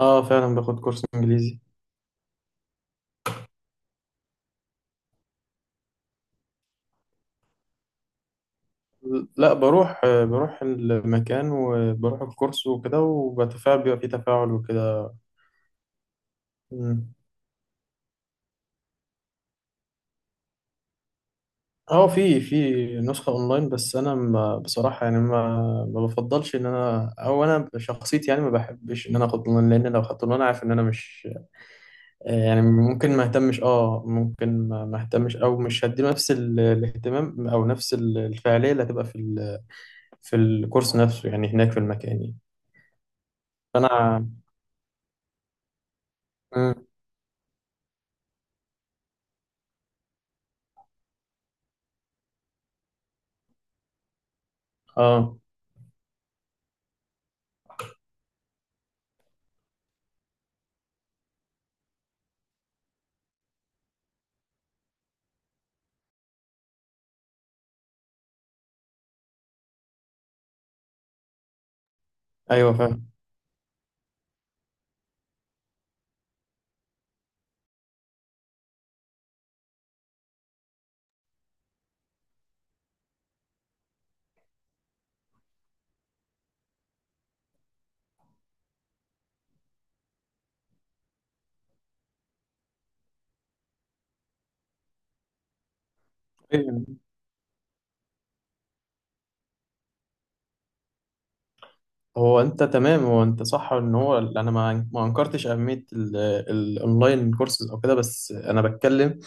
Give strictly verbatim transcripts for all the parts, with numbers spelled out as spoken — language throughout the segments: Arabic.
اه، فعلا باخد كورس انجليزي. لا، بروح آه، بروح المكان وبروح الكورس وكده وبتفاعل، بيبقى فيه تفاعل وكده. مم. اه، في في نسخة اونلاين، بس انا ما، بصراحة يعني، ما ما بفضلش. ان انا او انا شخصيتي يعني ما بحبش ان انا اخد اونلاين، لان لو خدت اونلاين عارف ان انا مش... آه، يعني ممكن ما اهتمش، اه ممكن ما ما اهتمش، او مش هديله نفس ال- الاهتمام او نفس ال- الفعالية اللي هتبقى في ال- في الكورس نفسه، يعني هناك في المكان يعني. فانا... مم. اه، ايوه فاهم. أيوة. هو انت تمام هو انت صح، ان هو انا ما ما انكرتش اهميه ال- الاونلاين كورسز او كده، بس انا بتكلم.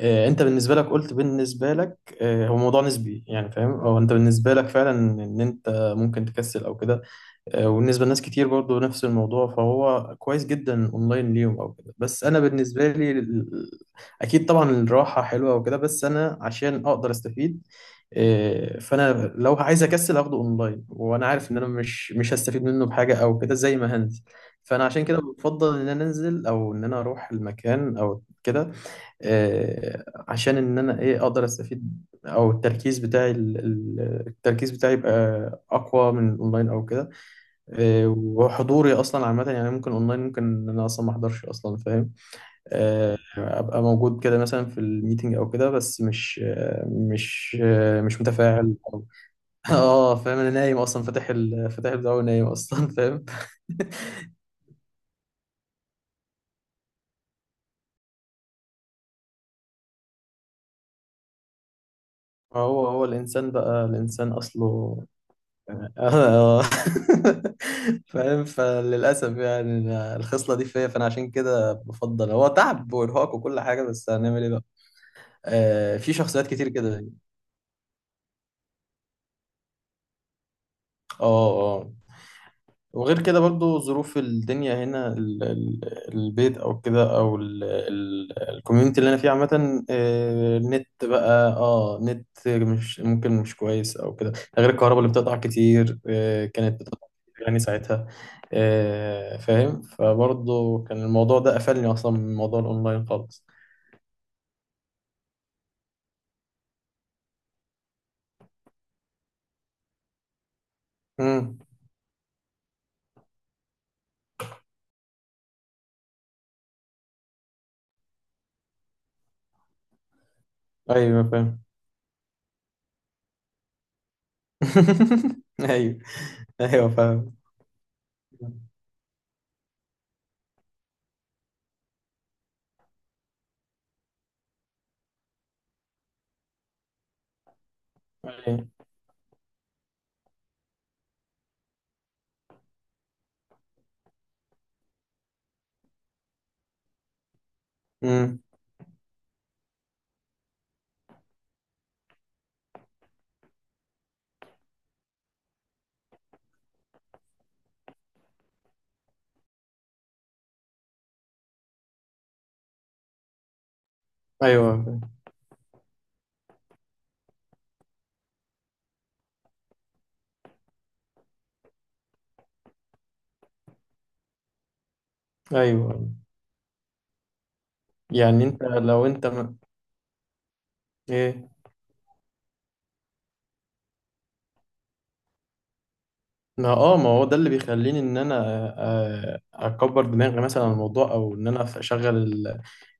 آه، انت بالنسبه لك، قلت بالنسبه لك، آه، هو موضوع نسبي يعني، فاهم، هو انت بالنسبه لك فعلا ان انت ممكن تكسل او كده. آه، وبالنسبة لناس كتير برضو نفس الموضوع، فهو كويس جدا اونلاين ليهم او كده، بس انا بالنسبة لي ال- اكيد طبعا الراحة حلوة وكده، بس انا عشان اقدر استفيد... آه، فانا لو عايز اكسل اخده اونلاين، وانا عارف ان انا مش مش هستفيد منه بحاجة او كده زي ما هنزل. فانا عشان كده بفضل ان انا انزل، او ان انا اروح المكان او كده، آه، عشان ان انا ايه اقدر استفيد، او التركيز بتاعي ال- ال- التركيز بتاعي يبقى اقوى من الاونلاين او كده. آه، وحضوري اصلا عامه يعني ممكن اونلاين، ممكن ان انا اصلا ما احضرش اصلا، فاهم. آه، ابقى موجود كده مثلا في الميتنج او كده، بس مش آه، مش آه، مش متفاعل، أو- اه، فاهم. انا نايم اصلا، فاتح ال- فاتح البتاع ونايم اصلا، فاهم. هو هو الانسان بقى، الانسان اصله... آه، آه. فاهم. فللاسف يعني أنا الخصله دي فيا، فانا عشان كده بفضل. هو تعب وارهاق وكل حاجه، بس هنعمل ايه بقى. آه، في شخصيات كتير كده. اه، اه، وغير كده برضو ظروف الدنيا هنا، ال- ال- البيت او كده، او الكوميونتي اللي انا فيه عامة. آه، النت بقى، اه نت مش ممكن، مش كويس او كده، ده غير الكهرباء اللي بتقطع كتير. آه، كانت بتقطع كتير يعني ساعتها. آه، فاهم، فبرضو كان الموضوع ده قفلني اصلا من موضوع الاونلاين خالص. امم. ايوه فاهم. ايوه. ايوه فاهم. ايوه. امم. ايوه فاهم. ايوه. يعني انت، لو انت م... ايه. ما اه ما هو ده اللي بيخليني ان انا آه، اكبر دماغي مثلا عن الموضوع، او ان انا اشغل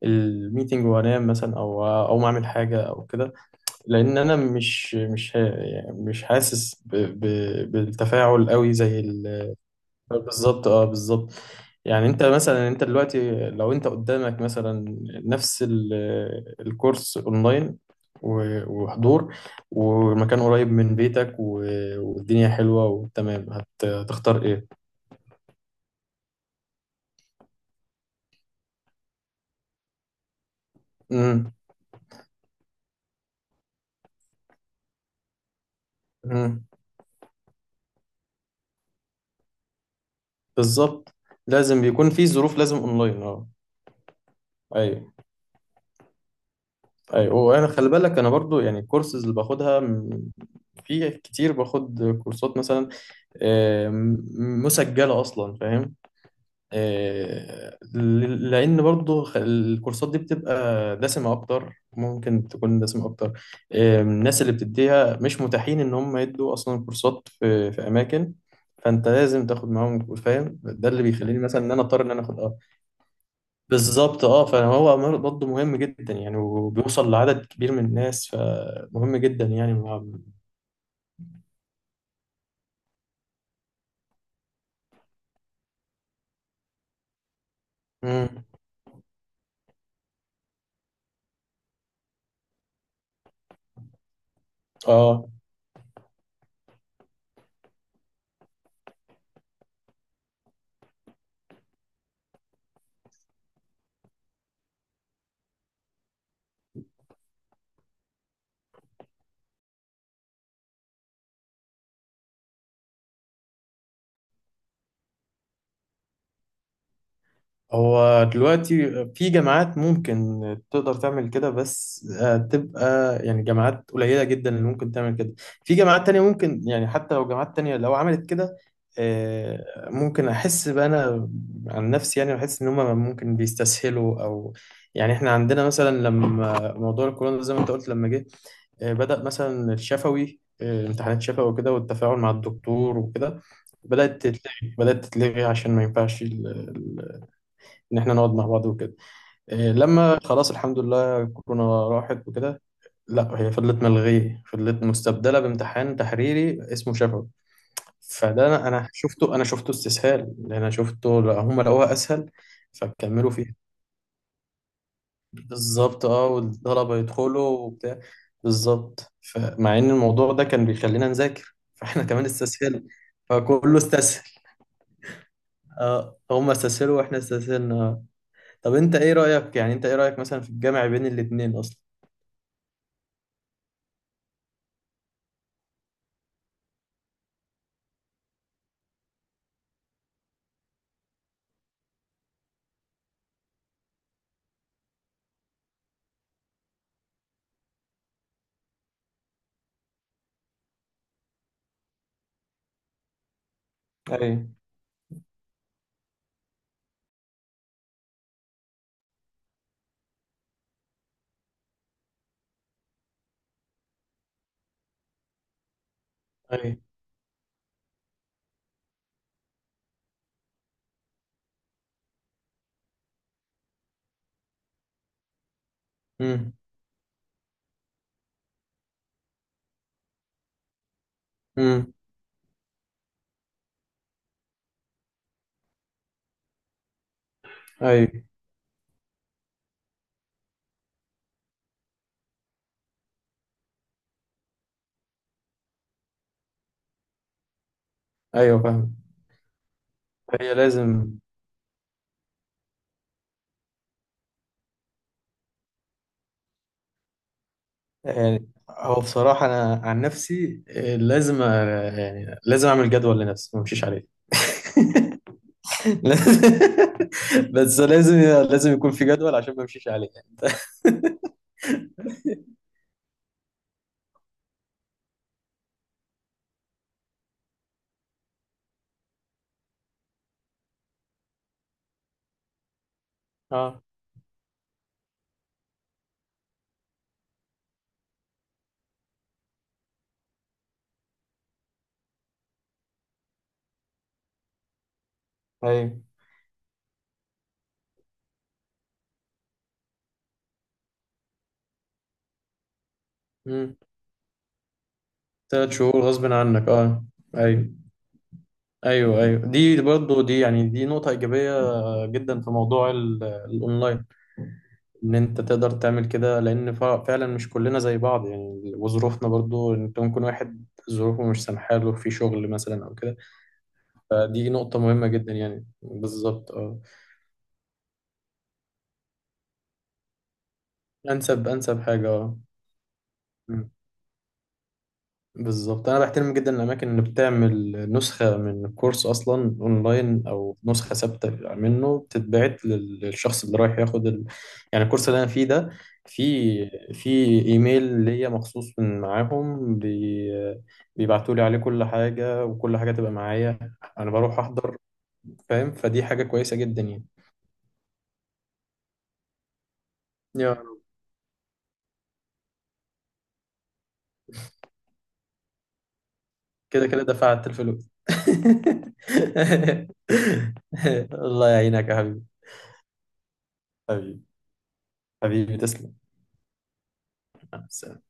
الميتنج وانام مثلا، او او ما اعمل حاجه او كده. لان انا مش مش ه- يعني مش حاسس ب... ب... بالتفاعل قوي زي... بالظبط، اه، بالظبط. يعني انت مثلا، انت دلوقتي لو انت قدامك مثلا نفس ال- الكورس اونلاين، و- وحضور، والمكان قريب من بيتك، و- والدنيا حلوة وتمام، هت- هتختار ايه؟ امم. امم. بالظبط، لازم بيكون في ظروف لازم اونلاين، اه. ايوه. ايوه، وانا خلي بالك، انا برضو يعني الكورسز اللي باخدها م- في كتير باخد كورسات مثلا، آه، م- مسجلة اصلا، فاهم. آه، ل- لان برضو خ- الكورسات دي بتبقى دسمه اكتر، ممكن تكون دسمه اكتر. آه، الناس اللي بتديها مش متاحين ان هم يدوا اصلا كورسات في في اماكن، فانت لازم تاخد معاهم كورس، فاهم، ده اللي بيخليني مثلا ان انا اضطر ان انا اخد اه بالظبط، اه، فهو مر- برضه مهم جدا يعني، وبيوصل لعدد كبير من الناس، فمهم جدا يعني مع- مم. اه، هو دلوقتي في جامعات ممكن تقدر تعمل كده، بس آه، تبقى يعني جامعات قليلة جدا اللي ممكن تعمل كده. في جامعات تانية ممكن يعني، حتى لو جامعات تانية لو عملت كده آه، ممكن أحس بقى أنا عن نفسي يعني، بحس إن هما ممكن بيستسهلوا، أو يعني إحنا عندنا مثلا لما موضوع الكورونا زي ما أنت قلت لما جه، آه، بدأ مثلا الشفوي، آه، امتحانات شفوي وكده، والتفاعل مع الدكتور وكده بدأت تتلغي بدأت تتلغي عشان ما ينفعش ان احنا نقعد مع بعض وكده. إيه لما خلاص الحمد لله كورونا راحت وكده؟ لا، هي فضلت ملغيه، فضلت مستبدله بامتحان تحريري اسمه شفوي. فده انا، أنا شفته انا شفته استسهال، لان انا شفته. لا، هم لقوها اسهل، فكملوا فيها. بالظبط، اه، والطلبه يدخلوا وبتاع. بالظبط، فمع ان الموضوع ده كان بيخلينا نذاكر، فاحنا كمان استسهلنا، فكله استسهل. اه، هم استسهلوا واحنا استسهلنا. آه. طب انت ايه رايك، يعني انت ايه رايك مثلا في الجامع بين الاتنين اصلا؟ ايوه. ايوه. امم. امم. ايوه. ايوه فاهم. هي لازم يعني، هو بصراحة أنا عن نفسي، آه، لازم، آه، يعني لازم أعمل جدول لنفسي، ما أمشيش عليه. لازم- بس لازم لازم يكون في جدول، عشان ما أمشيش عليه. اه، ايوه. امم. ثلاث شهور غصب عنك، اه. ايوه. ايوه، ايوه، دي برضه، دي يعني، دي نقطة إيجابية جدا في موضوع ال- الأونلاين، ان انت تقدر تعمل كده. لان فع- فعلا مش كلنا زي بعض يعني، وظروفنا برضو، انت ممكن واحد ظروفه مش سامحاله في شغل مثلا او كده، فدي نقطة مهمة جدا يعني بالظبط، اه. انسب انسب حاجة، اه، بالظبط. انا بحترم جدا الاماكن اللي بتعمل نسخه من الكورس اصلا اونلاين، او نسخه ثابته منه بتتبعت لل- للشخص اللي رايح ياخد ال... يعني الكورس اللي انا فيه ده، في في ايميل ليا مخصوص من معاهم بي... بيبعتوا لي عليه كل حاجه، وكل حاجه تبقى معايا، انا بروح احضر، فاهم، فدي حاجه كويسه جدا يعني. يا رب. كده كده دفعت الفلوس. الله يعينك يا حبيبي. حبيبي. حبيبي، تسلم. مع السلامة.